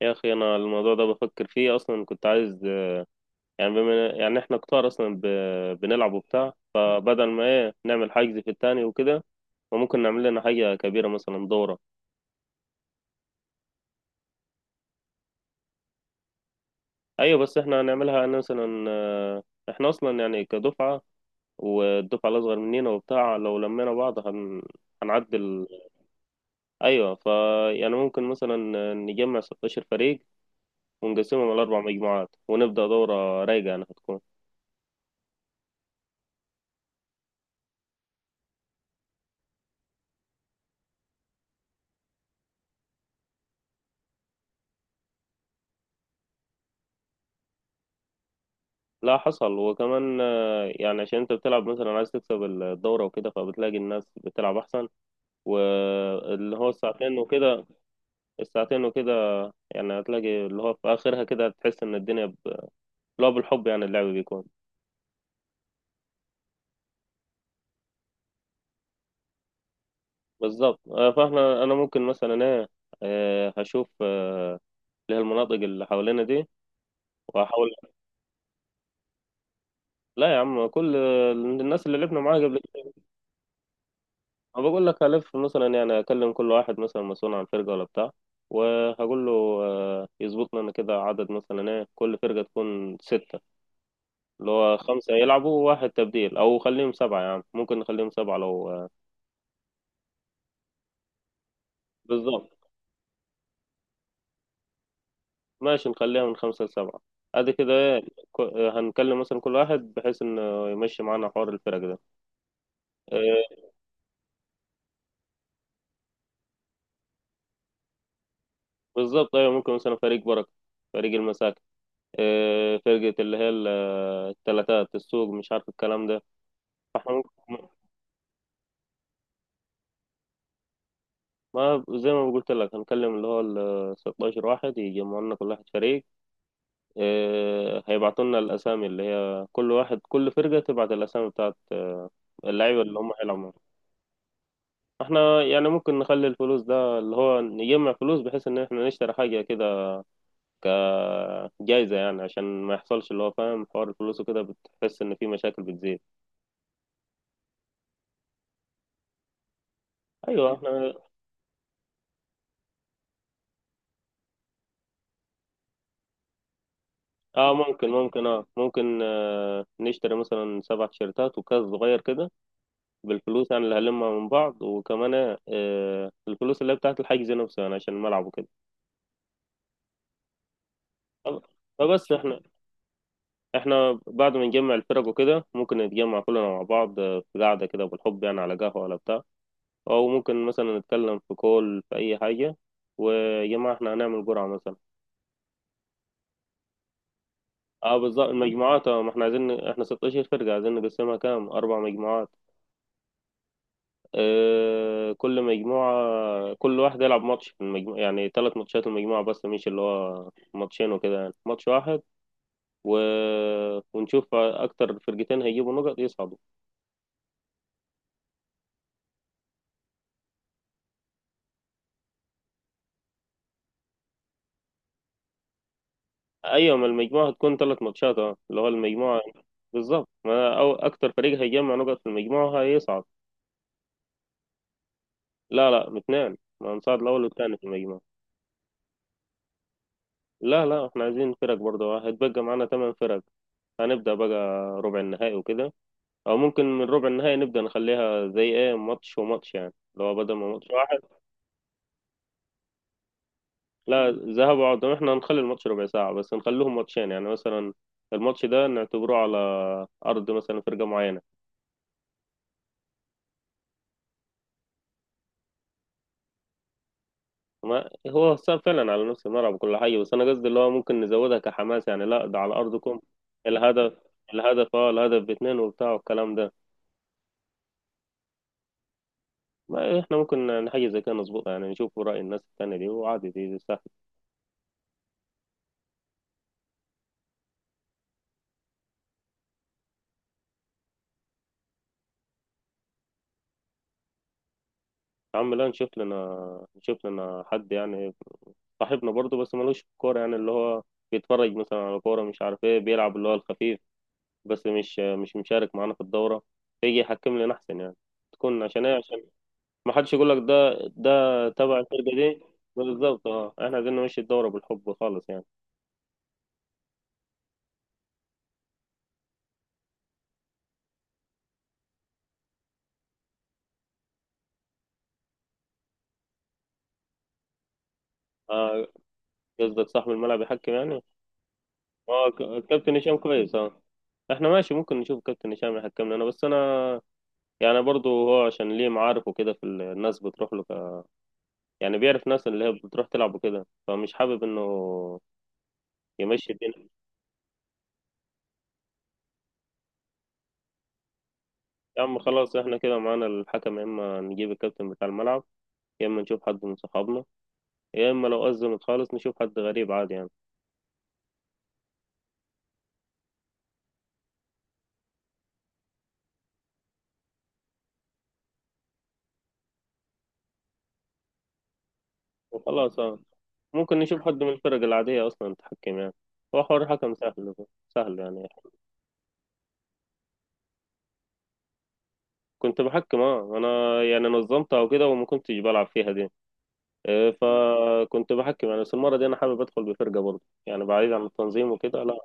يا اخي انا الموضوع ده بفكر فيه اصلا. كنت عايز، يعني بما يعني احنا كتار اصلا بنلعب وبتاع، فبدل ما ايه نعمل حجز في التاني وكده. وممكن نعمل لنا حاجة كبيرة، مثلا دورة. ايوه، بس احنا هنعملها مثلا. احنا اصلا يعني كدفعة، والدفعة الاصغر مننا وبتاع، لو لمينا بعض هنعدل. ايوه، يعني ممكن مثلا نجمع 16 فريق ونقسمهم على اربع مجموعات، ونبدأ دورة رايقة يعني هتكون... لا حصل. وكمان، يعني عشان انت بتلعب مثلا عايز تكسب الدورة وكده، فبتلاقي الناس بتلعب احسن. واللي هو الساعتين وكده الساعتين وكده، يعني هتلاقي اللي هو في اخرها كده تحس ان الدنيا اللي هو بالحب، يعني اللعب بيكون... بالظبط. انا ممكن مثلا ايه، هشوف، اللي هي المناطق اللي حوالينا دي، وهحاول. لا يا عم، كل الناس اللي لعبنا معاها قبل. أنا بقول لك هلف مثلا، يعني أكلم كل واحد مثلا مسؤول عن فرقة ولا بتاع، وهقول له، يظبط لنا كده عدد، مثلا إيه كل فرقة تكون ستة، اللي هو خمسة يلعبوا وواحد تبديل، أو خليهم سبعة. يعني ممكن نخليهم سبعة لو بالظبط. ماشي، نخليها من خمسة لسبعة. أدي كده إيه. هنكلم مثلا كل واحد بحيث إنه يمشي معانا حوار الفرق ده. آه، بالظبط، أيوة. ممكن مثلا فريق بركة، فريق المساكن، فرقة اللي هي التلاتات السوق، مش عارف الكلام ده. فاحنا ممكن، ما زي ما قلت لك، هنكلم اللي هو ال 16 واحد يجمعوا لنا، كل واحد فريق. هيبعتوا لنا الأسامي، اللي هي كل فرقة تبعت الأسامي بتاعت، اللعيبة اللي هم هيلعبوا. احنا يعني ممكن نخلي الفلوس ده اللي هو نجمع فلوس بحيث ان احنا نشتري حاجة كده كجائزة، يعني عشان ما يحصلش اللي هو فاهم حوار الفلوس وكده بتحس ان في مشاكل بتزيد. ايوه احنا، ممكن نشتري مثلا سبع تيشيرتات وكاس صغير كده بالفلوس، يعني اللي هلمها من بعض. وكمان الفلوس اللي هي بتاعت الحجز نفسه، يعني عشان الملعب وكده. طب- فبس احنا، بعد ما نجمع الفرق وكده ممكن نتجمع كلنا مع بعض، في قعدة كده بالحب، يعني على قهوة ولا بتاع. او ممكن مثلا نتكلم في كول في اي حاجة، ويا جماعة احنا هنعمل جرعة مثلا. اه بالظبط، المجموعات. اه ما احنا عايزين، احنا 16 فرقة عايزين نقسمها كام، اربع مجموعات. كل مجموعة كل واحد يلعب ماتش في المجموعة، يعني ثلاث ماتشات المجموعة، بس مش اللي هو ماتشين وكده، يعني ماتش واحد و... ونشوف أكتر فرقتين هيجيبوا نقط يصعدوا. أيوة، ما المجموعة هتكون ثلاث ماتشات، اه اللي هو المجموعة. بالظبط، ما أو أكتر فريق هيجمع نقط في المجموعة هيصعد. لا لا، اثنين، ما هنصعد الأول والثاني في المجموعة. لا لا، احنا عايزين فرق برضه. هيتبقى معانا ثمان فرق، هنبدأ بقى ربع النهائي وكده. او ممكن من ربع النهائي نبدا نخليها زي ايه ماتش وماتش، يعني لو بدل ما ماتش واحد. لا، ذهاب وعودة. احنا هنخلي الماتش ربع ساعه، بس نخليهم ماتشين. يعني مثلا الماتش ده نعتبره على ارض مثلا فرقه معينه. ما هو صار فعلا على نفس الملعب وكل حاجه، بس انا قصدي اللي هو ممكن نزودها كحماس، يعني لا ده على ارضكم. الهدف... الهدف باتنين وبتاع والكلام ده. ما احنا ممكن يعني حاجه زي كده نظبطها، يعني نشوف راي الناس التانيه دي، وعادي دي سهل. يا عم لا، نشوف لنا حد يعني. صاحبنا برضه، بس ملوش في الكورة، يعني اللي هو بيتفرج مثلا على كورة مش عارف ايه، بيلعب اللي هو الخفيف بس، مش مش مشارك معانا في الدورة، فيجي يحكم لنا أحسن يعني. تكون عشان ايه، عشان ما حدش يقول لك ده تبع الفرقة دي. بالظبط. اه احنا عايزين نمشي الدورة بالحب خالص يعني. اه، قصدك صاحب الملعب يحكم يعني. اه، الكابتن هشام كويس، اه. احنا ماشي، ممكن نشوف كابتن هشام يحكم لنا، بس انا يعني برضه هو عشان ليه معارف وكده، في الناس بتروح له، يعني بيعرف ناس اللي هي بتروح تلعب وكده، فمش حابب انه يمشي الدنيا. يا عم خلاص، احنا كده معانا الحكم، يا اما نجيب الكابتن بتاع الملعب، يا اما نشوف حد من صحابنا، يا اما لو أزمت خالص نشوف حد غريب عادي يعني. وخلاص اه، ممكن نشوف حد من الفرق العادية اصلا تحكم يعني. هو حوار حكم سهل، سهل يعني. كنت بحكم اه، انا يعني نظمتها وكده وما كنتش بلعب فيها دي. فكنت بحكم يعني، بس المرة دي انا حابب ادخل بفرقة برضه، يعني بعيد عن التنظيم وكده، لا.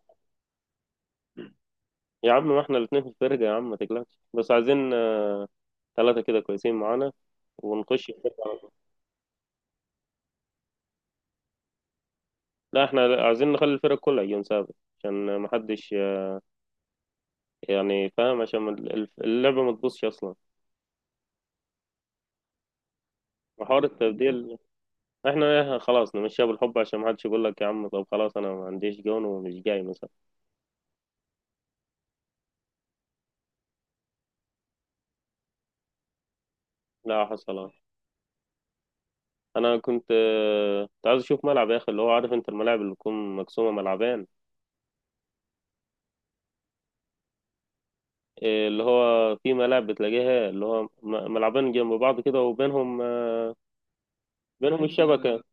يا عم ما احنا الاتنين في الفرقة، يا عم ما تقلقش، بس عايزين ثلاثة كده كويسين معانا، ونخش الفرقة على طول. لا احنا عايزين نخلي الفرق كلها يجون سابق عشان ما حدش، يعني فاهم، عشان ما اللعبة ما تبصش اصلا. وحوار التبديل، احنا خلاص نمشيها بالحب، عشان ما حدش يقول لك يا عم طب خلاص انا ما عنديش جون ومش جاي مثلا. لا حصل. انا كنت عايز اشوف ملعب يا اخي، اللي هو عارف انت الملاعب اللي تكون مقسومة ملعبين. اللي هو في ملاعب بتلاقيها اللي هو ملعبين جنب بعض كده، وبينهم، بينهم الشبكة.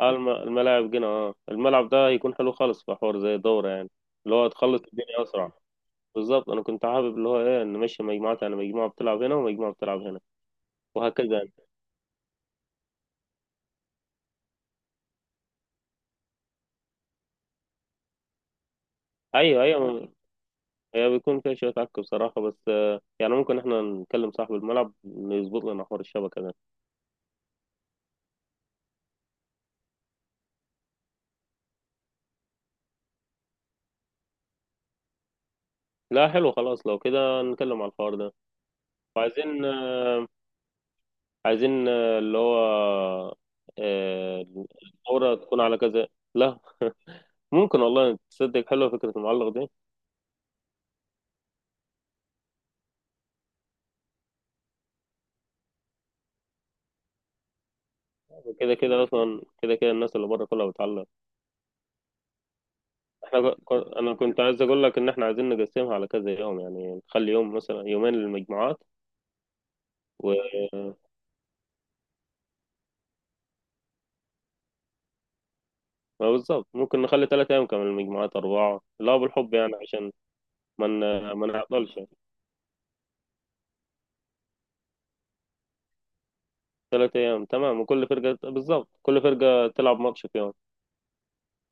على الملاعب جنة. اه الملعب ده هيكون حلو خالص في حوار زي الدورة، يعني اللي هو تخلص الدنيا أسرع. بالظبط، أنا كنت حابب اللي هو إيه نمشي مجموعات، يعني مجموعة بتلعب هنا ومجموعة بتلعب هنا وهكذا يعني. أيوه، أيوه. هي بيكون فيها شوية عك بصراحة، بس يعني ممكن إحنا نكلم صاحب الملعب إنه يظبط لنا حوار الشبكة ده. لا حلو، خلاص لو كده نتكلم على الحوار ده. وعايزين آه، عايزين آه، اللي هو، آه، الدورة تكون على كذا. لا، ممكن والله تصدق حلوة فكرة المعلق دي. كده كده اصلا، كده كده الناس اللي بره كلها بتعلق. احنا انا كنت عايز اقول لك ان احنا عايزين نقسمها على كذا يوم، يعني نخلي يوم مثلا يومين للمجموعات. و ما بالظبط، ممكن نخلي 3 ايام كمان، المجموعات اربعه، لا بالحب يعني، عشان ما نعطلش. 3 ايام تمام. وكل فرقه بالظبط، كل فرقه تلعب ماتش في يوم،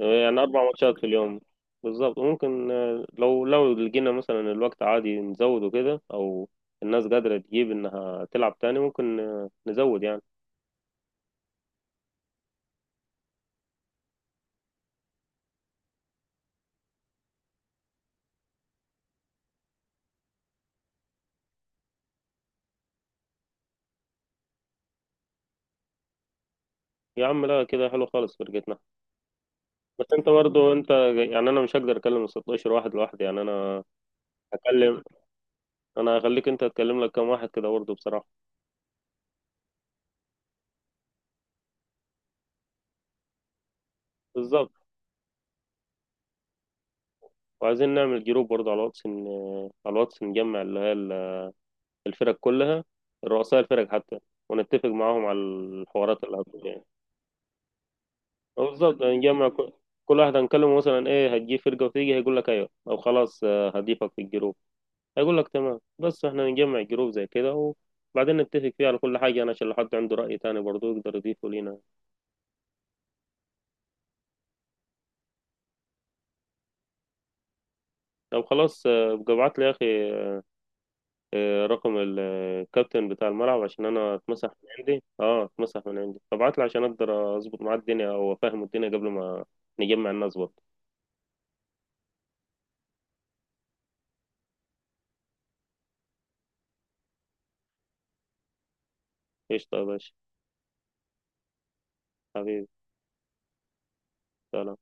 يعني اربع ماتشات في اليوم. بالظبط. وممكن لو لقينا مثلا الوقت عادي نزوده كده، او الناس قادره تجيب انها تلعب تاني ممكن، نزود يعني. يا عم لا، كده حلو خالص فرقتنا. بس انت، برضو انت، يعني انا مش هقدر اكلم ال 16 واحد لوحدي، يعني انا هكلم انا هخليك انت تكلم لك كام واحد كده برضو بصراحة. بالظبط. وعايزين نعمل جروب برضو على الواتس، ان على الواتس نجمع اللي هي الفرق كلها، رؤساء الفرق حتى، ونتفق معاهم على الحوارات اللي هتكون يعني. اه بالظبط، نجمع، كل واحد هنكلمه مثلا ايه هتجيب فرقة وتيجي هيقول لك ايوه او خلاص، اه، هضيفك في الجروب. هيقول لك تمام، بس احنا نجمع جروب زي كده، وبعدين نتفق فيه على كل حاجة أنا، عشان لو حد عنده رأي تاني برضه يقدر يضيفه لينا. طب خلاص، ابقى ابعت لي يا أخي، رقم الكابتن بتاع الملعب، عشان أنا، اتمسح من عندي. ابعت لي عشان أقدر أظبط معاه الدنيا أو أفهمه الدنيا قبل ما نجمع الناس برضه. قشطة يا باشا. حبيبي. سلام.